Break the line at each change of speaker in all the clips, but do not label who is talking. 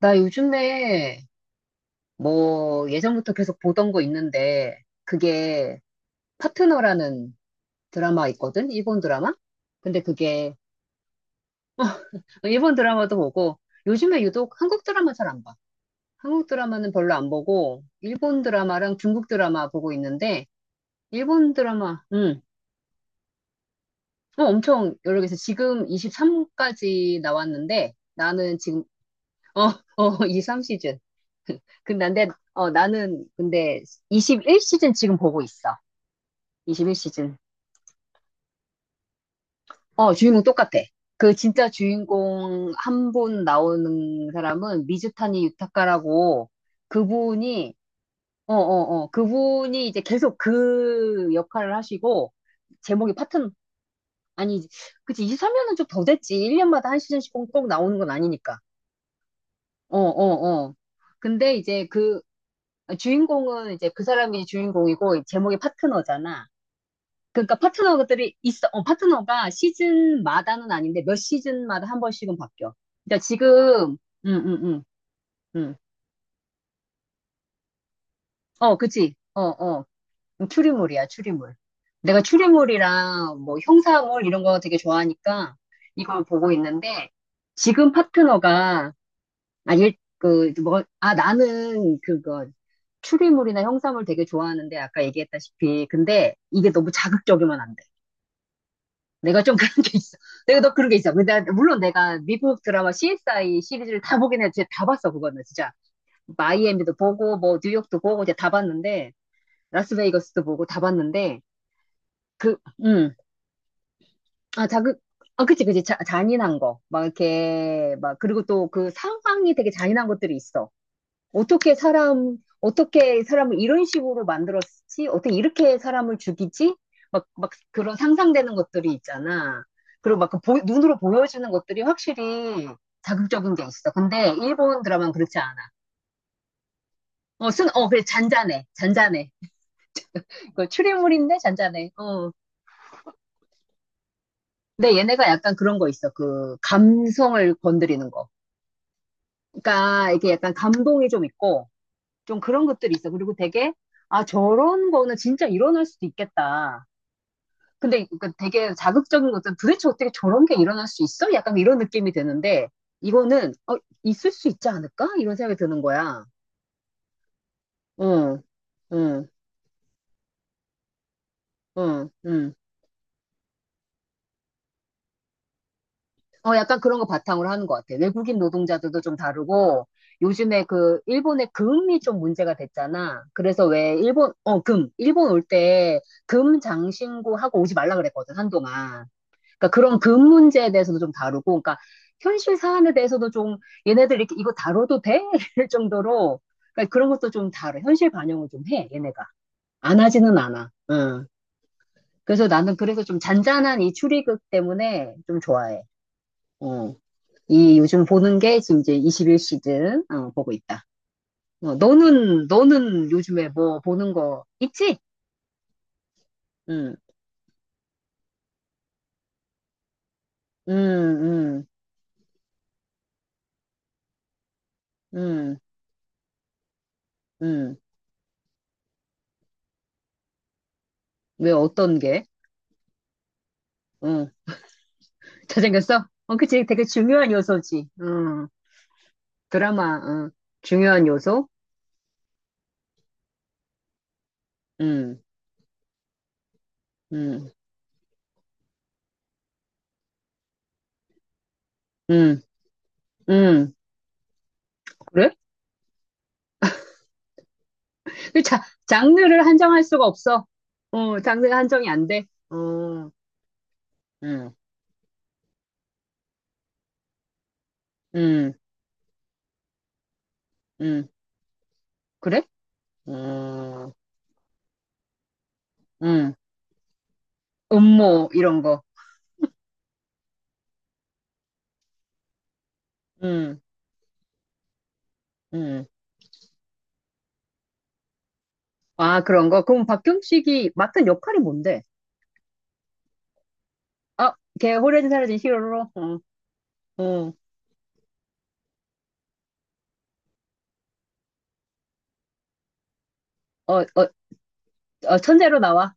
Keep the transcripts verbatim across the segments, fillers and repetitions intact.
나 요즘에 뭐 예전부터 계속 보던 거 있는데 그게 파트너라는 드라마 있거든? 일본 드라마? 근데 그게 일본 드라마도 보고 요즘에 유독 한국 드라마 잘 안 봐. 한국 드라마는 별로 안 보고 일본 드라마랑 중국 드라마 보고 있는데 일본 드라마. 음. 어, 엄청 여러 개서 지금 이십삼까지 나왔는데 나는 지금 어, 어, 이십삼 시즌. 근데 난- 내- 어, 나는 근데 이십일 시즌 지금 보고 있어. 이십일 시즌. 어, 주인공 똑같아. 그 진짜 주인공 한 분 나오는 사람은 미즈타니 유타카라고, 그분이, 어, 어, 어, 그분이 이제 계속 그 역할을 하시고, 제목이 파트너, 아니, 그치, 이십삼 년은 좀 더 됐지. 일 년마다 한 시즌씩 꼭, 꼭 나오는 건 아니니까. 어, 어, 어. 근데 이제 그 주인공은 이제 그 사람이 주인공이고, 제목이 파트너잖아. 그러니까 파트너들이 있어. 어, 파트너가 시즌마다는 아닌데 몇 시즌마다 한 번씩은 바뀌어. 그러니까 지금. 음, 음, 음, 음. 어, 그치. 어, 어. 음, 추리물이야, 추리물. 내가 추리물이랑 뭐 형사물 이런 거 되게 좋아하니까 이걸 보고 있는데 지금 파트너가 아, 일, 그, 뭐, 아, 나는 그거, 추리물이나 형사물 되게 좋아하는데 아까 얘기했다시피 근데 이게 너무 자극적이면 안 돼. 내가 좀 그런 게 있어. 내가 너 그런 게 있어. 근데 물론 내가 미국 드라마 씨에스아이 시리즈를 다 보긴 했는데 다 봤어. 그거는 진짜 마이애미도 보고 뭐 뉴욕도 보고 이제 다 봤는데 라스베이거스도 보고 다 봤는데. 그 음 아 자극 아 그치 그치, 자, 잔인한 거 막 이렇게 막, 그리고 또 그 상황이 되게 잔인한 것들이 있어. 어떻게 사람, 어떻게 사람을 이런 식으로 만들었지? 어떻게 이렇게 사람을 죽이지? 막, 막 그런 상상되는 것들이 있잖아. 그리고 막그 보- 눈으로 보여주는 것들이 확실히 자극적인 게 있어. 근데 일본 드라마는 그렇지 않아. 어, 쓴, 어, 그래, 잔잔해. 잔잔해. 그 추리물인데 잔잔해. 어. 근데 얘네가 약간 그런 거 있어. 그 감성을 건드리는 거. 그러니까 이게 약간 감동이 좀 있고 좀 그런 것들이 있어. 그리고 되게, 아, 저런 거는 진짜 일어날 수도 있겠다. 근데 그 되게 자극적인 것은 도대체 어떻게 저런 게 일어날 수 있어? 약간 이런 느낌이 드는데 이거는 어, 있을 수 있지 않을까? 이런 생각이 드는 거야. 응, 응, 응, 응. 어, 약간 그런 거 바탕으로 하는 것 같아. 외국인 노동자들도 좀 다르고 요즘에 그 일본의 금이 좀 문제가 됐잖아. 그래서 왜 일본 어, 금, 일본 올 때 금 장신구 하고 오지 말라 그랬거든, 한동안. 그러니까 그런 금 문제에 대해서도 좀 다루고, 그러니까 현실 사안에 대해서도 좀, 얘네들 이렇게 이거 다뤄도 돼? 이럴 정도로 그러니까 그런 것도 좀 다뤄. 현실 반영을 좀 해, 얘네가. 안 하지는 않아. 응. 그래서 나는 그래서 좀 잔잔한 이 추리극 때문에 좀 좋아해. 어. 이 요즘 보는 게 지금 이제 이십일 시즌 어, 보고 있다. 어, 너는 너는 요즘에 뭐 보는 거 있지? 응. 음, 음, 음, 음. 왜 어떤 게? 응. 잘생겼어? 어, 그치. 되게 중요한 요소지. 음, 드라마, 음, 중요한 요소. 음, 음, 음, 음. 그래? 그 자, 장르를 한정할 수가 없어. 어, 장르가 한정이 안 돼. 어, 음, 음, 음. 그래? 음, 음. 음모, 이런 거. 음, 음. 아, 그런 거. 그럼 박경식이 맡은 역할이 뭔데? 아, 걔 호래진 사라진 히어로로? 어, 어, 어, 어, 어, 천재로 나와.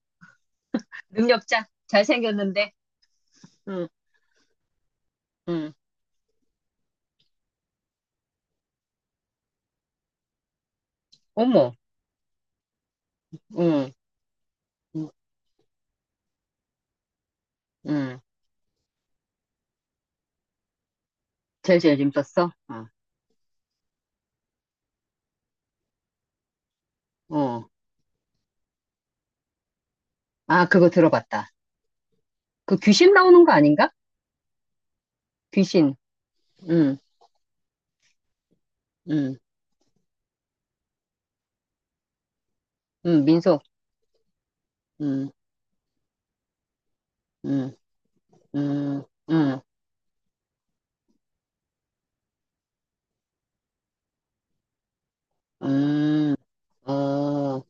능력자. 잘생겼는데. 응. 응. 어머. 응. 응. 응. 제일 제일 재밌었어? 아, 어. 아, 그거 들어봤다. 그 귀신 나오는 거 아닌가? 귀신. 응. 응. 응. 민속. 응. 응. 응. 응. 응. 어.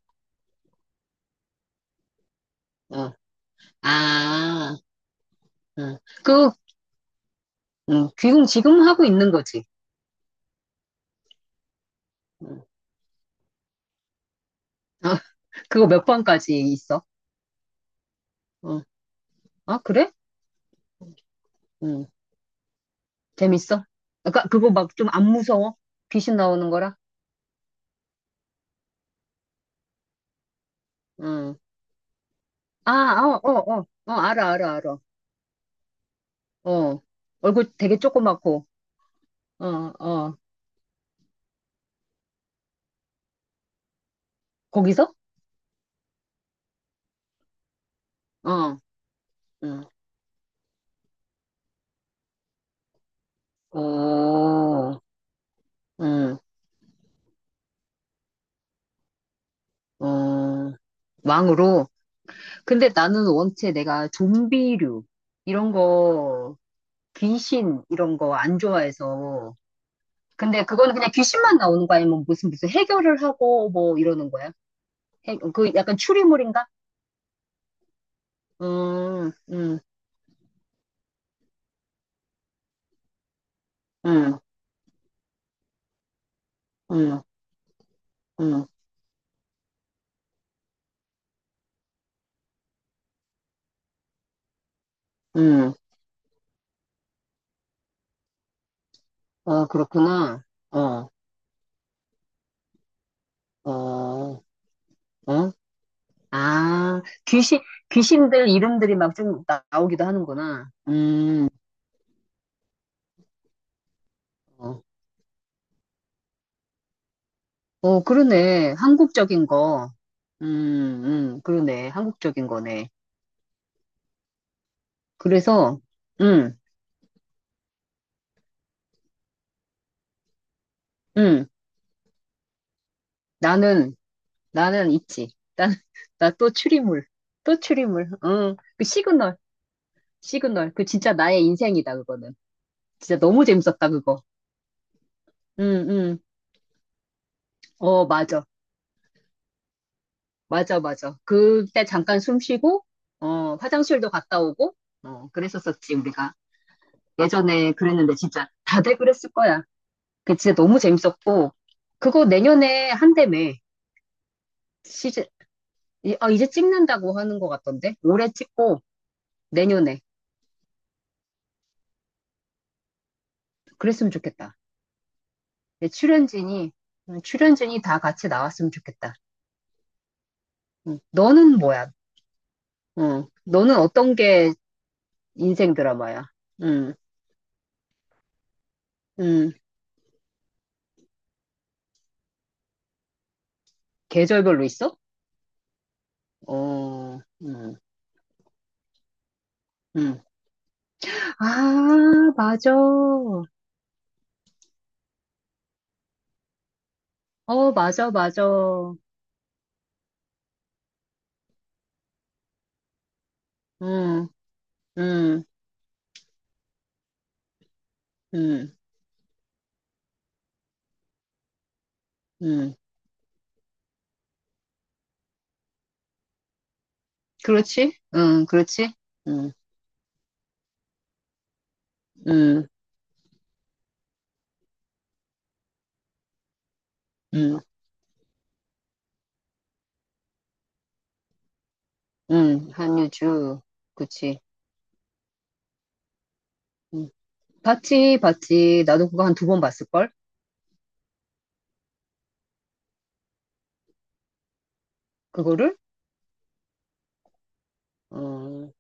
어. 아. 응. 그 응. 귀국 지금 하고 있는 거지. 응. 아, 그거 몇 번까지 있어? 응. 아, 그래? 응. 재밌어? 아까 그거 막 좀 안 무서워? 귀신 나오는 거라? 응. 아, 어, 어, 어, 어, 알아, 알아, 알아. 어, 얼굴 되게 조그맣고, 어, 어, 거기서? 어, 응, 어, 응, 어, 왕으로. 근데 나는 원체 내가 좀비류, 이런 거, 귀신, 이런 거 안 좋아해서. 근데 그거는 그냥 귀신만 나오는 거 아니면 무슨 무슨 해결을 하고 뭐 이러는 거야? 해, 그 약간 추리물인가? 음, 음, 음, 음, 음, 음. 어, 그렇구나. 어. 어, 어? 아, 귀신, 귀신들 이름들이 막 좀 나오기도 하는구나. 음, 어, 어, 그러네. 한국적인 거. 음, 음, 그러네. 한국적인 거네. 그래서, 음, 음, 나는, 나는 있지. 난, 나 또 추리물. 또 추리물. 어, 그 시그널, 시그널. 그 진짜 나의 인생이다, 그거는. 진짜 너무 재밌었다, 그거. 음, 음, 어, 맞아. 맞아, 맞아. 그때 잠깐 숨 쉬고, 어, 화장실도 갔다 오고, 어, 그랬었었지, 우리가. 예전에 그랬는데 진짜 다들 그랬을 거야. 그 진짜 너무 재밌었고, 그거 내년에 한다며. 시즌, 이- 아, 이제 찍는다고 하는 것 같던데? 올해 찍고, 내년에. 그랬으면 좋겠다. 내 출연진이, 음, 출연진이 다 같이 나왔으면 좋겠다. 음, 너는 뭐야? 어, 너는 어떤 게 인생 드라마야? 음, 음, 계절별로 있어? 어, 음. 응. 아, 맞아. 어, 맞아, 맞아. 응, 응, 응, 응. 그렇지? 응, 그렇지? 응, 응, 응, 응. 한유주. 그치. 응. 봤지, 봤지. 나도 그거 한 두 번 봤을걸? 그거를? 어,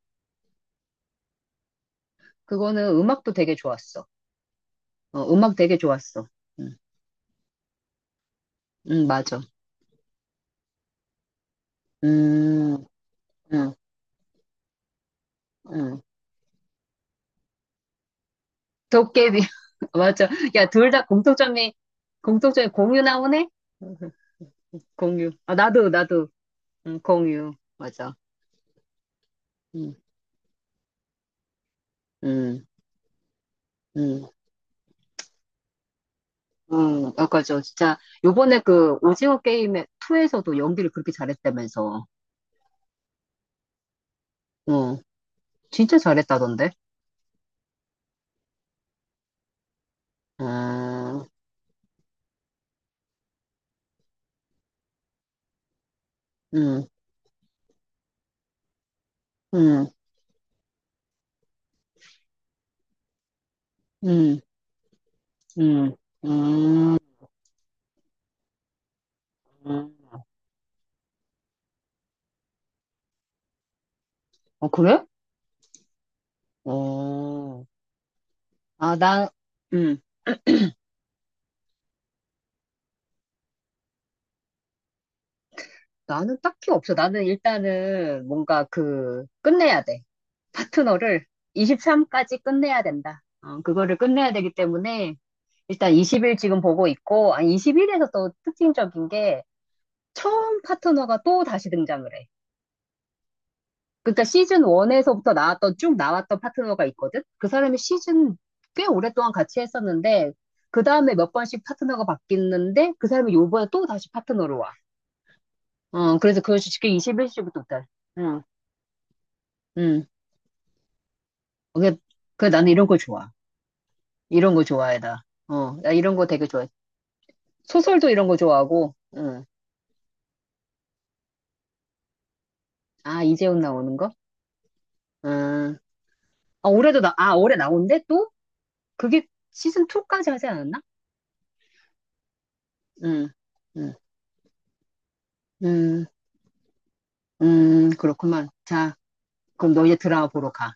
그거는 음악도 되게 좋았어. 어, 음악 되게 좋았어. 응, 응, 맞아. 음, 응, 응. 도깨비. 맞아. 야, 둘 다 공통점이, 공통점이 공유 나오네? 공유. 아, 나도, 나도. 응, 공유. 맞아. 응, 응, 응. 응, 맞아죠 진짜, 요번에 그, 오징어 게임에, 이에서도 연기를 그렇게 잘했다면서. 응, 진짜 잘했다던데. 음, 음, 음, 음, 음, 음. 어, 그래? 어, 아, 나, 음, 나는 딱히 없어. 나는 일단은 뭔가 그, 끝내야 돼. 파트너를 이십삼까지 끝내야 된다. 어, 그거를 끝내야 되기 때문에, 일단 이십 일 지금 보고 있고, 아, 이십 일에서 또 특징적인 게 처음 파트너가 또 다시 등장을 해. 그러니까 시즌 일에서부터 나왔던, 쭉 나왔던 파트너가 있거든? 그 사람이 시즌 꽤 오랫동안 같이 했었는데, 그 다음에 몇 번씩 파트너가 바뀌는데, 그 사람이 요번에 또 다시 파트너로 와. 어, 그래서 그걸 쉽게 이십일 시부터 다 응, 응. 그게, 그 나는 이런 거 좋아. 이런 거 좋아해, 나. 어, 나 이런 거 되게 좋아해. 소설도 이런 거 좋아하고, 응. 아, 이재훈 나오는 거? 응. 아, 올해도 나, 아, 올해 나온대? 또? 그게 시즌 이까지 하지 않았나? 음, 응응 응 그렇구만. 자, 그럼 너 이제 드라마 보러 가.